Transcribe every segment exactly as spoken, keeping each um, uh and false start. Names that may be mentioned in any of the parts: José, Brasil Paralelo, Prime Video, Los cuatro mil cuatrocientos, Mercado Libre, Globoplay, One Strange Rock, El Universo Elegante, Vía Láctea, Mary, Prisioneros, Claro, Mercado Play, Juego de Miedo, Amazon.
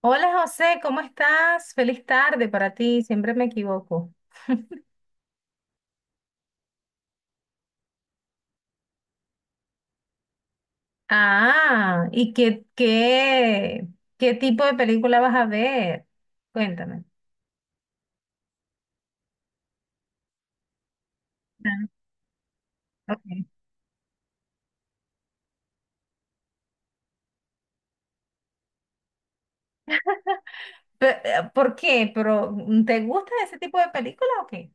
Hola José, ¿cómo estás? Feliz tarde para ti, siempre me equivoco. Ah, ¿y qué, qué, qué tipo de película vas a ver? Cuéntame. Ah, ok. Pe- eh, ¿Por qué? ¿Pero mm, te gusta ese tipo de película o qué?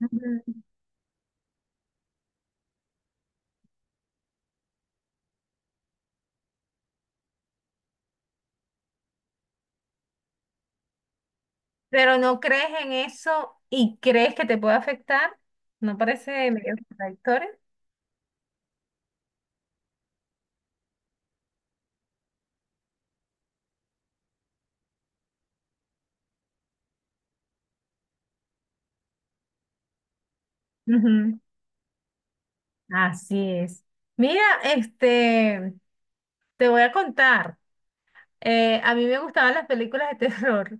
Ujú. Pero no crees en eso y crees que te puede afectar, ¿no parece medio contradictorio? Ujú. Así es. Mira, este, te voy a contar. Eh, a mí me gustaban las películas de terror,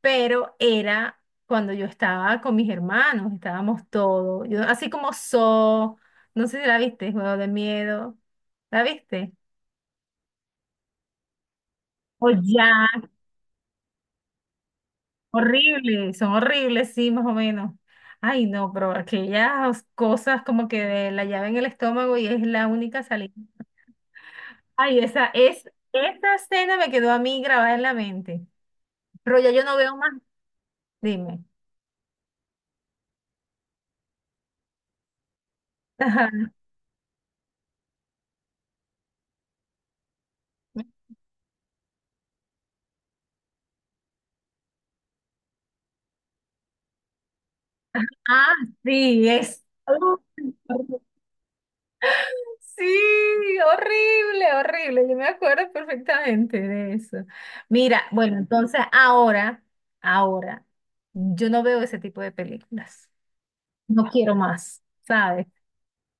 pero era cuando yo estaba con mis hermanos, estábamos todos, yo, así como so no sé si la viste, Juego de Miedo, ¿la viste? O ya, horrible, son horribles, sí, más o menos. Ay, no, pero aquellas cosas como que de la llave en el estómago y es la única salida. Ay, esa es, esa escena me quedó a mí grabada en la mente, pero ya yo no veo más, dime. Ah, sí, es. Uh, Sí, horrible, horrible. Yo me acuerdo perfectamente de eso. Mira, bueno, entonces ahora, ahora, yo no veo ese tipo de películas. No quiero más, ¿sabes?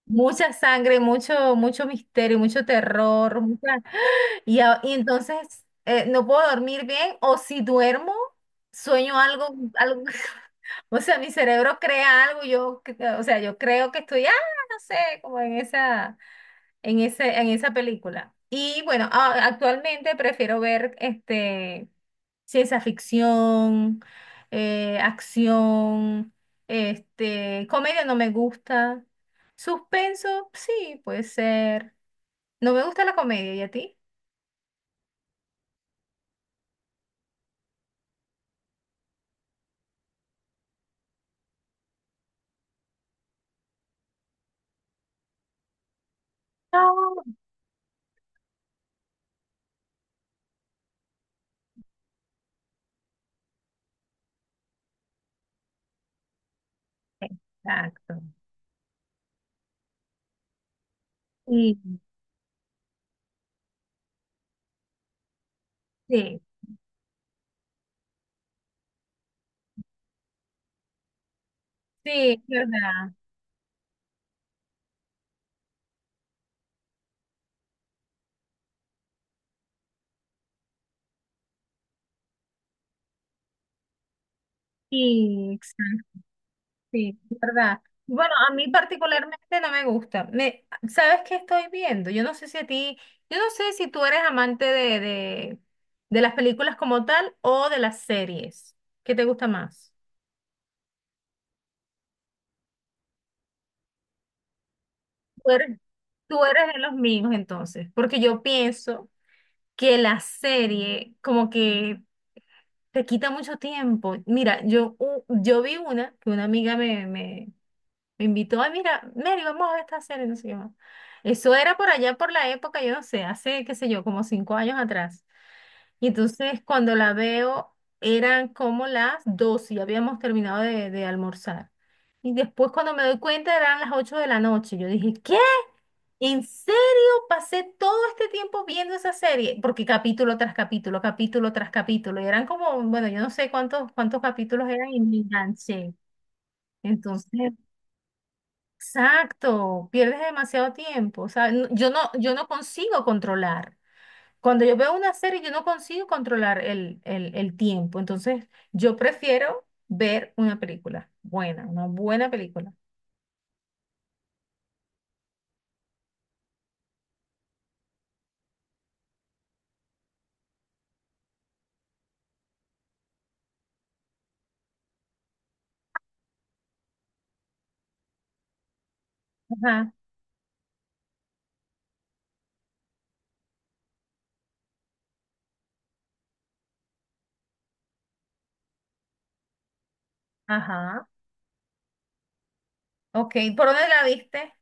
Mucha sangre, mucho, mucho misterio, mucho terror, mucha. Y, a- y entonces eh, no puedo dormir bien o si duermo, sueño algo, algo, o sea, mi cerebro crea algo, yo, que- o sea, yo creo que estoy, ah, no sé, como en esa, en ese, en esa película. Y bueno, a- actualmente prefiero ver este, ciencia ficción, eh, acción, este, comedia no me gusta, suspenso, sí, puede ser. No me gusta la comedia, ¿y a ti? Exacto. Y sí, sí, es verdad. Y exacto, sí, es verdad. Bueno, a mí particularmente no me gusta. Me, ¿sabes qué estoy viendo? Yo no sé si a ti, yo no sé si tú eres amante de, de, de las películas como tal o de las series. ¿Qué te gusta más? Tú eres, tú eres de los míos entonces, porque yo pienso que la serie como que te quita mucho tiempo. Mira, yo, u- yo vi una que una amiga me invitó, ay, mira, Mary, vamos a ver esta serie, no sé qué más. Eso era por allá, por la época, yo no sé, hace, qué sé yo, como cinco años atrás. Y entonces cuando la veo, eran como las doce y habíamos terminado de, de almorzar. Y después cuando me doy cuenta, eran las ocho de la noche. Yo dije, ¿qué? ¿En serio? Pasé todo este tiempo viendo esa serie, porque capítulo tras capítulo, capítulo tras capítulo, y eran como, bueno, yo no sé cuántos, cuántos capítulos eran y me enganché. Entonces, exacto, pierdes demasiado tiempo. O sea, no- yo no, yo no consigo controlar. Cuando yo veo una serie, yo no consigo controlar el, el, el tiempo. Entonces, yo prefiero ver una película buena, una buena película. Ajá, ajá. Ok, ¿por dónde la viste?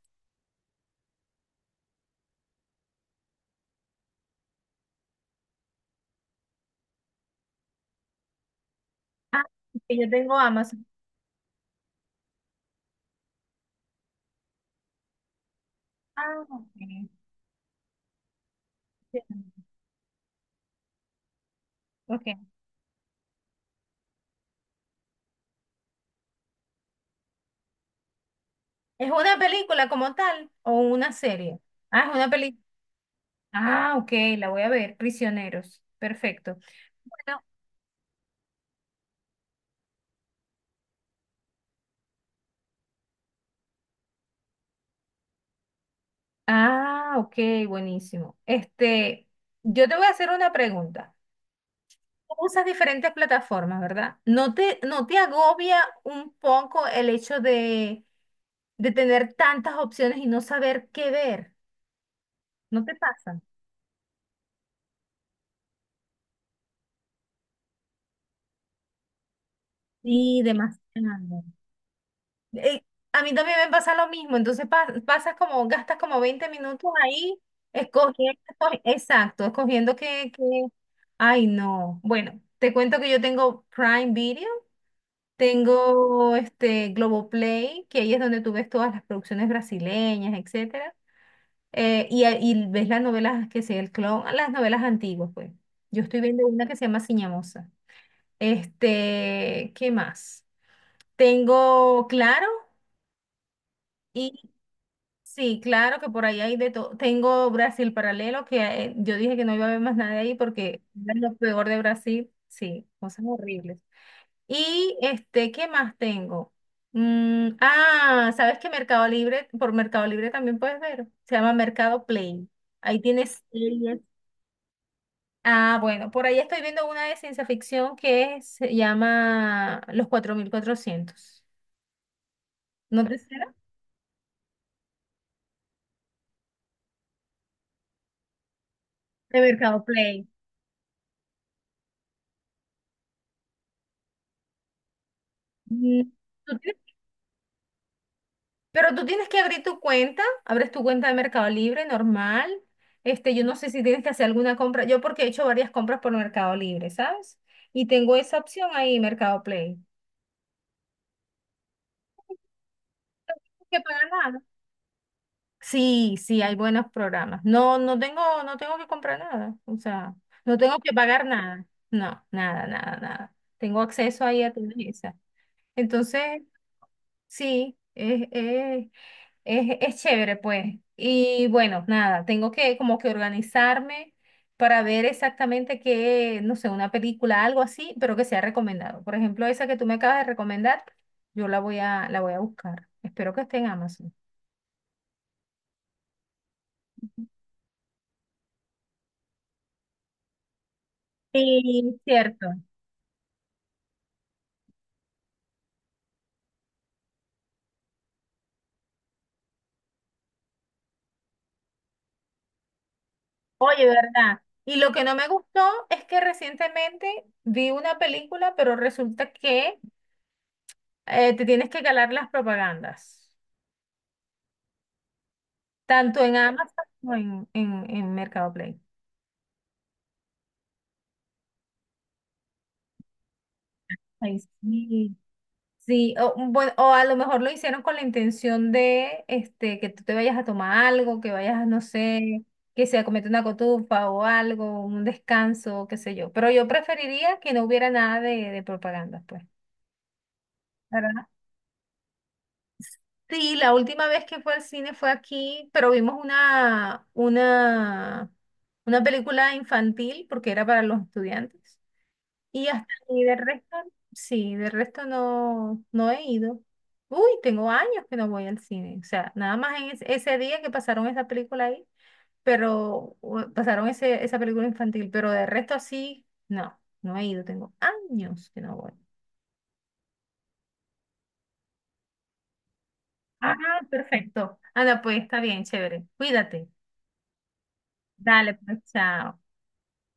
Ah, que yo tengo Amazon. Ah, ok. Sí, ok. ¿Es una película como tal o una serie? Ah, es una película. Ah, ok, la voy a ver. Prisioneros. Perfecto. Bueno, ah, ok, buenísimo. Este, yo te voy a hacer una pregunta. Tú Usas diferentes plataformas, ¿verdad? ¿No te, no te agobia un poco el hecho de, de tener tantas opciones y no saber qué ver? ¿No te pasa? Sí, demasiado. Eh, a mí también me pasa lo mismo, entonces pa- pasas como, gastas como veinte minutos ahí escogiendo, escogi- exacto, escogiendo que, que, ay no. Bueno, te cuento que yo tengo Prime Video. Tengo este Globoplay, que ahí es donde tú ves todas las producciones brasileñas, etcétera. Eh, y, a- y ves las novelas que sea el clon, las novelas antiguas, pues. Yo estoy viendo una que se llama Ciñamosa. Este, ¿qué más? Tengo Claro y sí, claro que por ahí hay de todo. Tengo Brasil Paralelo, que eh, yo dije que no iba a haber más nada ahí porque era lo peor de Brasil. Sí, cosas horribles. Y este, ¿qué más tengo? Mm, ah, ¿sabes que Mercado Libre, por Mercado Libre también puedes ver? Se llama Mercado Play. Ahí tienes series. Ah, bueno, por ahí estoy viendo una de ciencia ficción que se llama Los cuatro mil cuatrocientos. ¿No te suena? De Mercado Play. Mm, ¿Tú tienes Pero tú tienes que abrir tu cuenta, abres tu cuenta de Mercado Libre normal. Este, yo no sé si tienes que hacer alguna compra. Yo porque he hecho varias compras por Mercado Libre, ¿sabes? Y tengo esa opción ahí, Mercado Play. No hay que pagar nada. Sí, sí, hay buenos programas. No, no tengo, no tengo, que comprar nada. O sea, no tengo que pagar nada. No, nada, nada, nada. Tengo acceso ahí a todas esas. Entonces, sí, es, Es, es chévere, pues. Y bueno, nada, tengo que como que organizarme para ver exactamente qué, no sé, una película, algo así, pero que sea recomendado. Por ejemplo, esa que tú me acabas de recomendar, yo la voy a, la voy a buscar. Espero que esté en Amazon. Sí, cierto. Oye, ¿verdad? Y lo que no me gustó es que recientemente vi una película, pero resulta que eh, te tienes que calar las propagandas, tanto en Amazon como en, en, en Mercado Play. Ay, sí. Sí, o, bueno, o a lo mejor lo hicieron con la intención de este, que tú te vayas a tomar algo, que vayas, no sé, que se comete una cotufa o algo, un descanso, qué sé yo. Pero yo preferiría que no hubiera nada de, de propaganda, pues. ¿Verdad? Sí, la última vez que fue al cine fue aquí, pero vimos una, una, una película infantil porque era para los estudiantes. Y hasta y de resto, sí, de resto no, no he ido. Uy, tengo años que no voy al cine. O sea, nada más en es- ese día que pasaron esa película ahí, pero u- pasaron ese, esa película infantil, pero de resto así, no, no he ido. Tengo años que no voy. Ah, perfecto. Anda, pues está bien, chévere. Cuídate. Dale, pues, chao.